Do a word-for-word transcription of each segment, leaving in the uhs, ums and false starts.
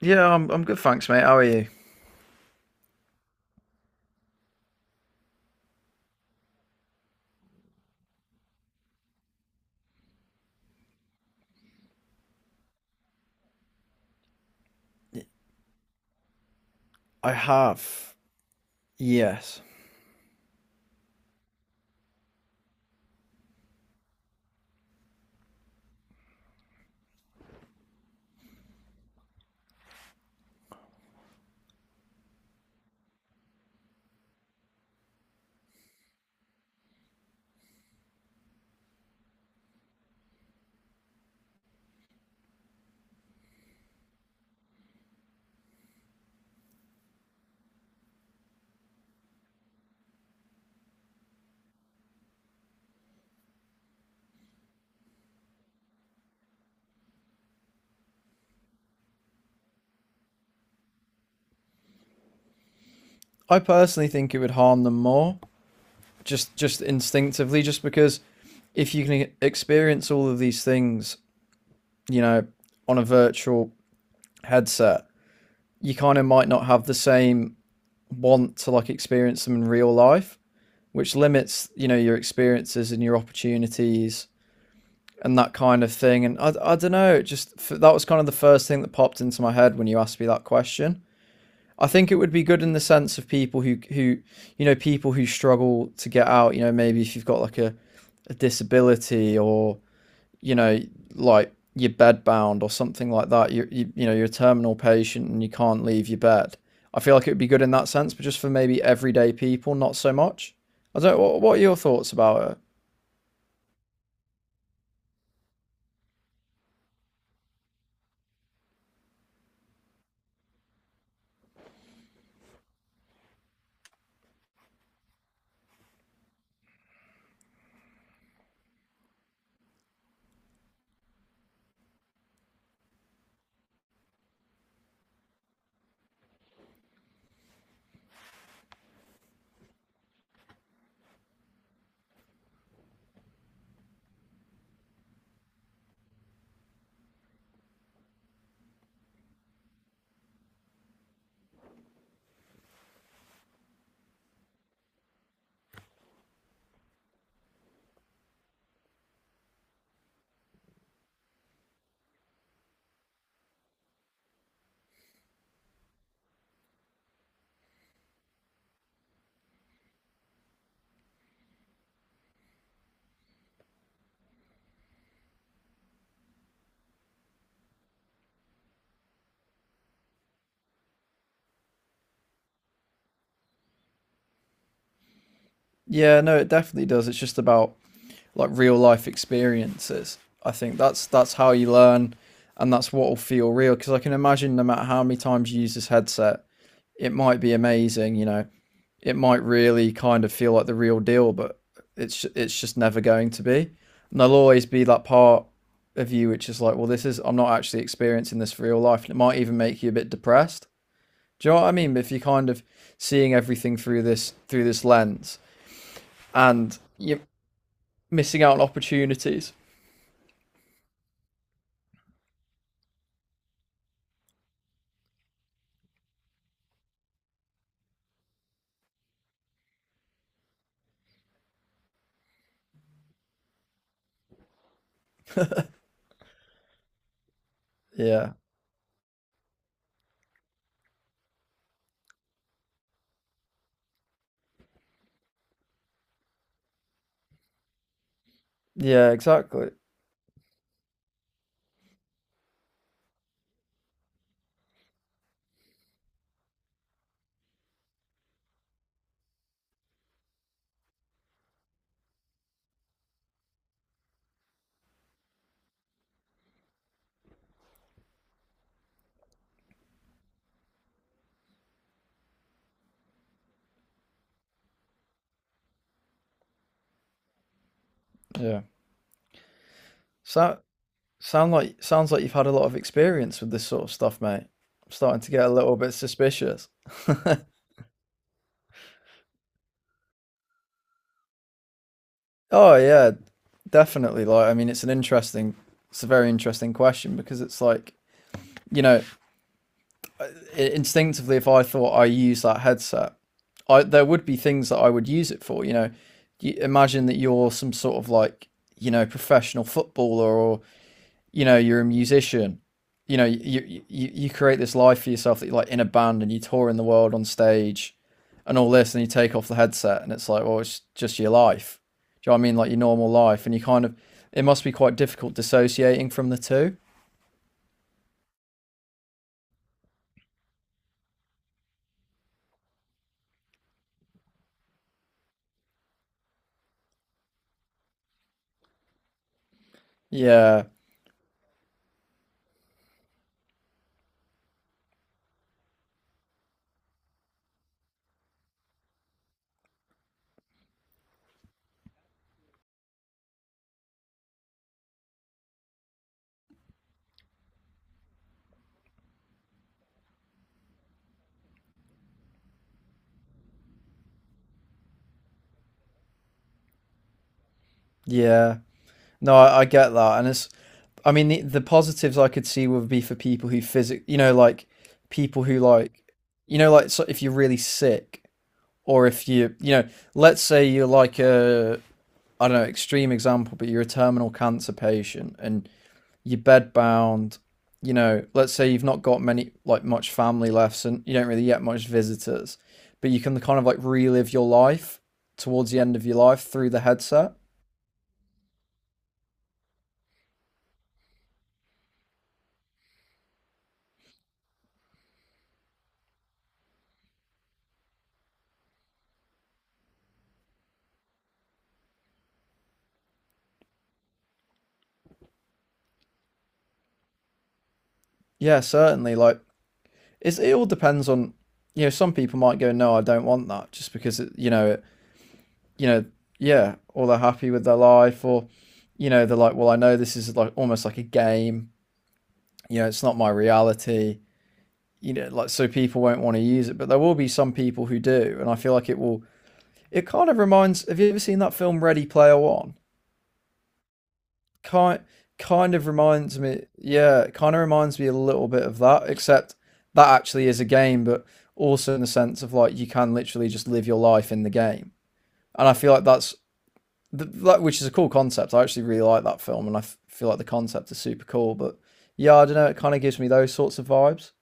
Yeah, I'm I'm good, thanks, mate. How are you? I have. Yes. I personally think it would harm them more, just just instinctively, just because if you can e-, experience all of these things, you know, on a virtual headset, you kind of might not have the same want to like experience them in real life, which limits, you know, your experiences and your opportunities and that kind of thing. And I, I don't know, it just that was kind of the first thing that popped into my head when you asked me that question. I think it would be good in the sense of people who who you know people who struggle to get out. You know, maybe if you've got like a, a disability or you know like you're bed bound or something like that. You, you you know you're a terminal patient and you can't leave your bed. I feel like it would be good in that sense, but just for maybe everyday people, not so much. I don't. What, what are your thoughts about it? Yeah, no, it definitely does. It's just about like real life experiences. I think that's that's how you learn, and that's what will feel real. Because I can imagine, no matter how many times you use this headset, it might be amazing. You know, it might really kind of feel like the real deal, but it's it's just never going to be. And there'll always be that part of you which is like, well, this is I'm not actually experiencing this for real life, and it might even make you a bit depressed. Do you know what I mean? But if you're kind of seeing everything through this through this lens, and you're missing out on opportunities. Yeah, yeah, exactly. Yeah. So sound like sounds like you've had a lot of experience with this sort of stuff, mate. I'm starting to get a little bit suspicious. Oh yeah, definitely. Like, I mean, it's an interesting, it's a very interesting question because it's like, you know, i- instinctively, if I thought I use that headset, I there would be things that I would use it for. You know, you imagine that you're some sort of like, you know, professional footballer, you know you're a musician, you know you, you you create this life for yourself that you're like in a band and you tour in the world on stage and all this, and you take off the headset and it's like, well, it's just your life, do you know what I mean, like your normal life. And you kind of, it must be quite difficult dissociating from the two. Yeah, yeah, no, i, I get that. And it's, I mean, the, the positives I could see would be for people who physic you know, like people who like, you know, like so if you're really sick or if you, you know, let's say you're like a, I don't know, extreme example, but you're a terminal cancer patient and you're bedbound. You know, let's say you've not got many, like much family left and you don't really get much visitors, but you can kind of like relive your life towards the end of your life through the headset. Yeah, certainly. Like, it's, it all depends on, you know, some people might go, no, I don't want that just because, it, you know, it, you know, yeah, or they're happy with their life, or, you know, they're like, well, I know this is like almost like a game, you know, it's not my reality, you know, like so people won't want to use it, but there will be some people who do, and I feel like it will. It kind of reminds. Have you ever seen that film Ready Player One? Kind kind of reminds me. Yeah, it kind of reminds me a little bit of that, except that actually is a game, but also in the sense of like you can literally just live your life in the game, and I feel like that's that which is a cool concept. I actually really like that film, and I feel like the concept is super cool. But yeah, I don't know, it kind of gives me those sorts of vibes.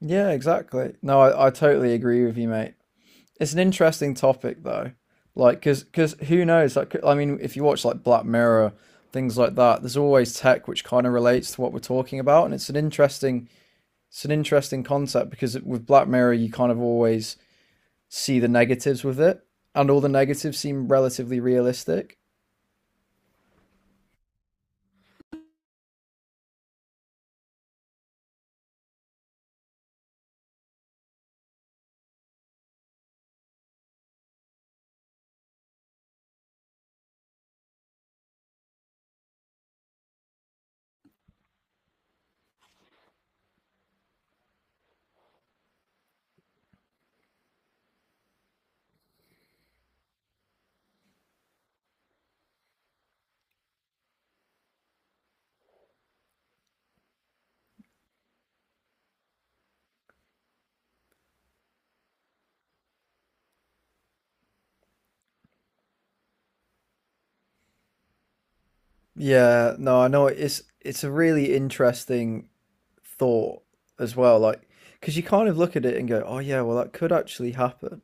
Yeah, exactly. No, I, I totally agree with you, mate. It's an interesting topic though, like because because who knows? Like I mean, if you watch like Black Mirror, things like that, there's always tech which kind of relates to what we're talking about, and it's an interesting it's an interesting concept because with Black Mirror you kind of always see the negatives with it, and all the negatives seem relatively realistic. Yeah, no, I know it's it's a really interesting thought as well, like because you kind of look at it and go, oh yeah, well that could actually happen.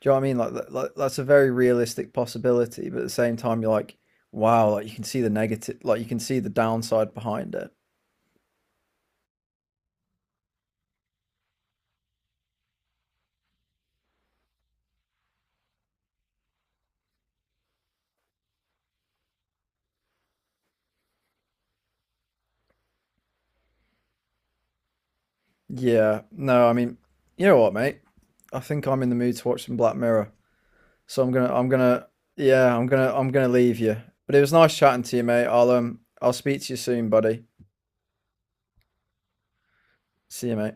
Do you know what I mean? Like, tha- like that's a very realistic possibility, but at the same time, you're like, wow, like you can see the negative, like you can see the downside behind it. Yeah, no, I mean, you know what, mate? I think I'm in the mood to watch some Black Mirror, so I'm gonna, I'm gonna, yeah, I'm gonna, I'm gonna leave you. But it was nice chatting to you, mate. I'll um, I'll speak to you soon, buddy. See you, mate.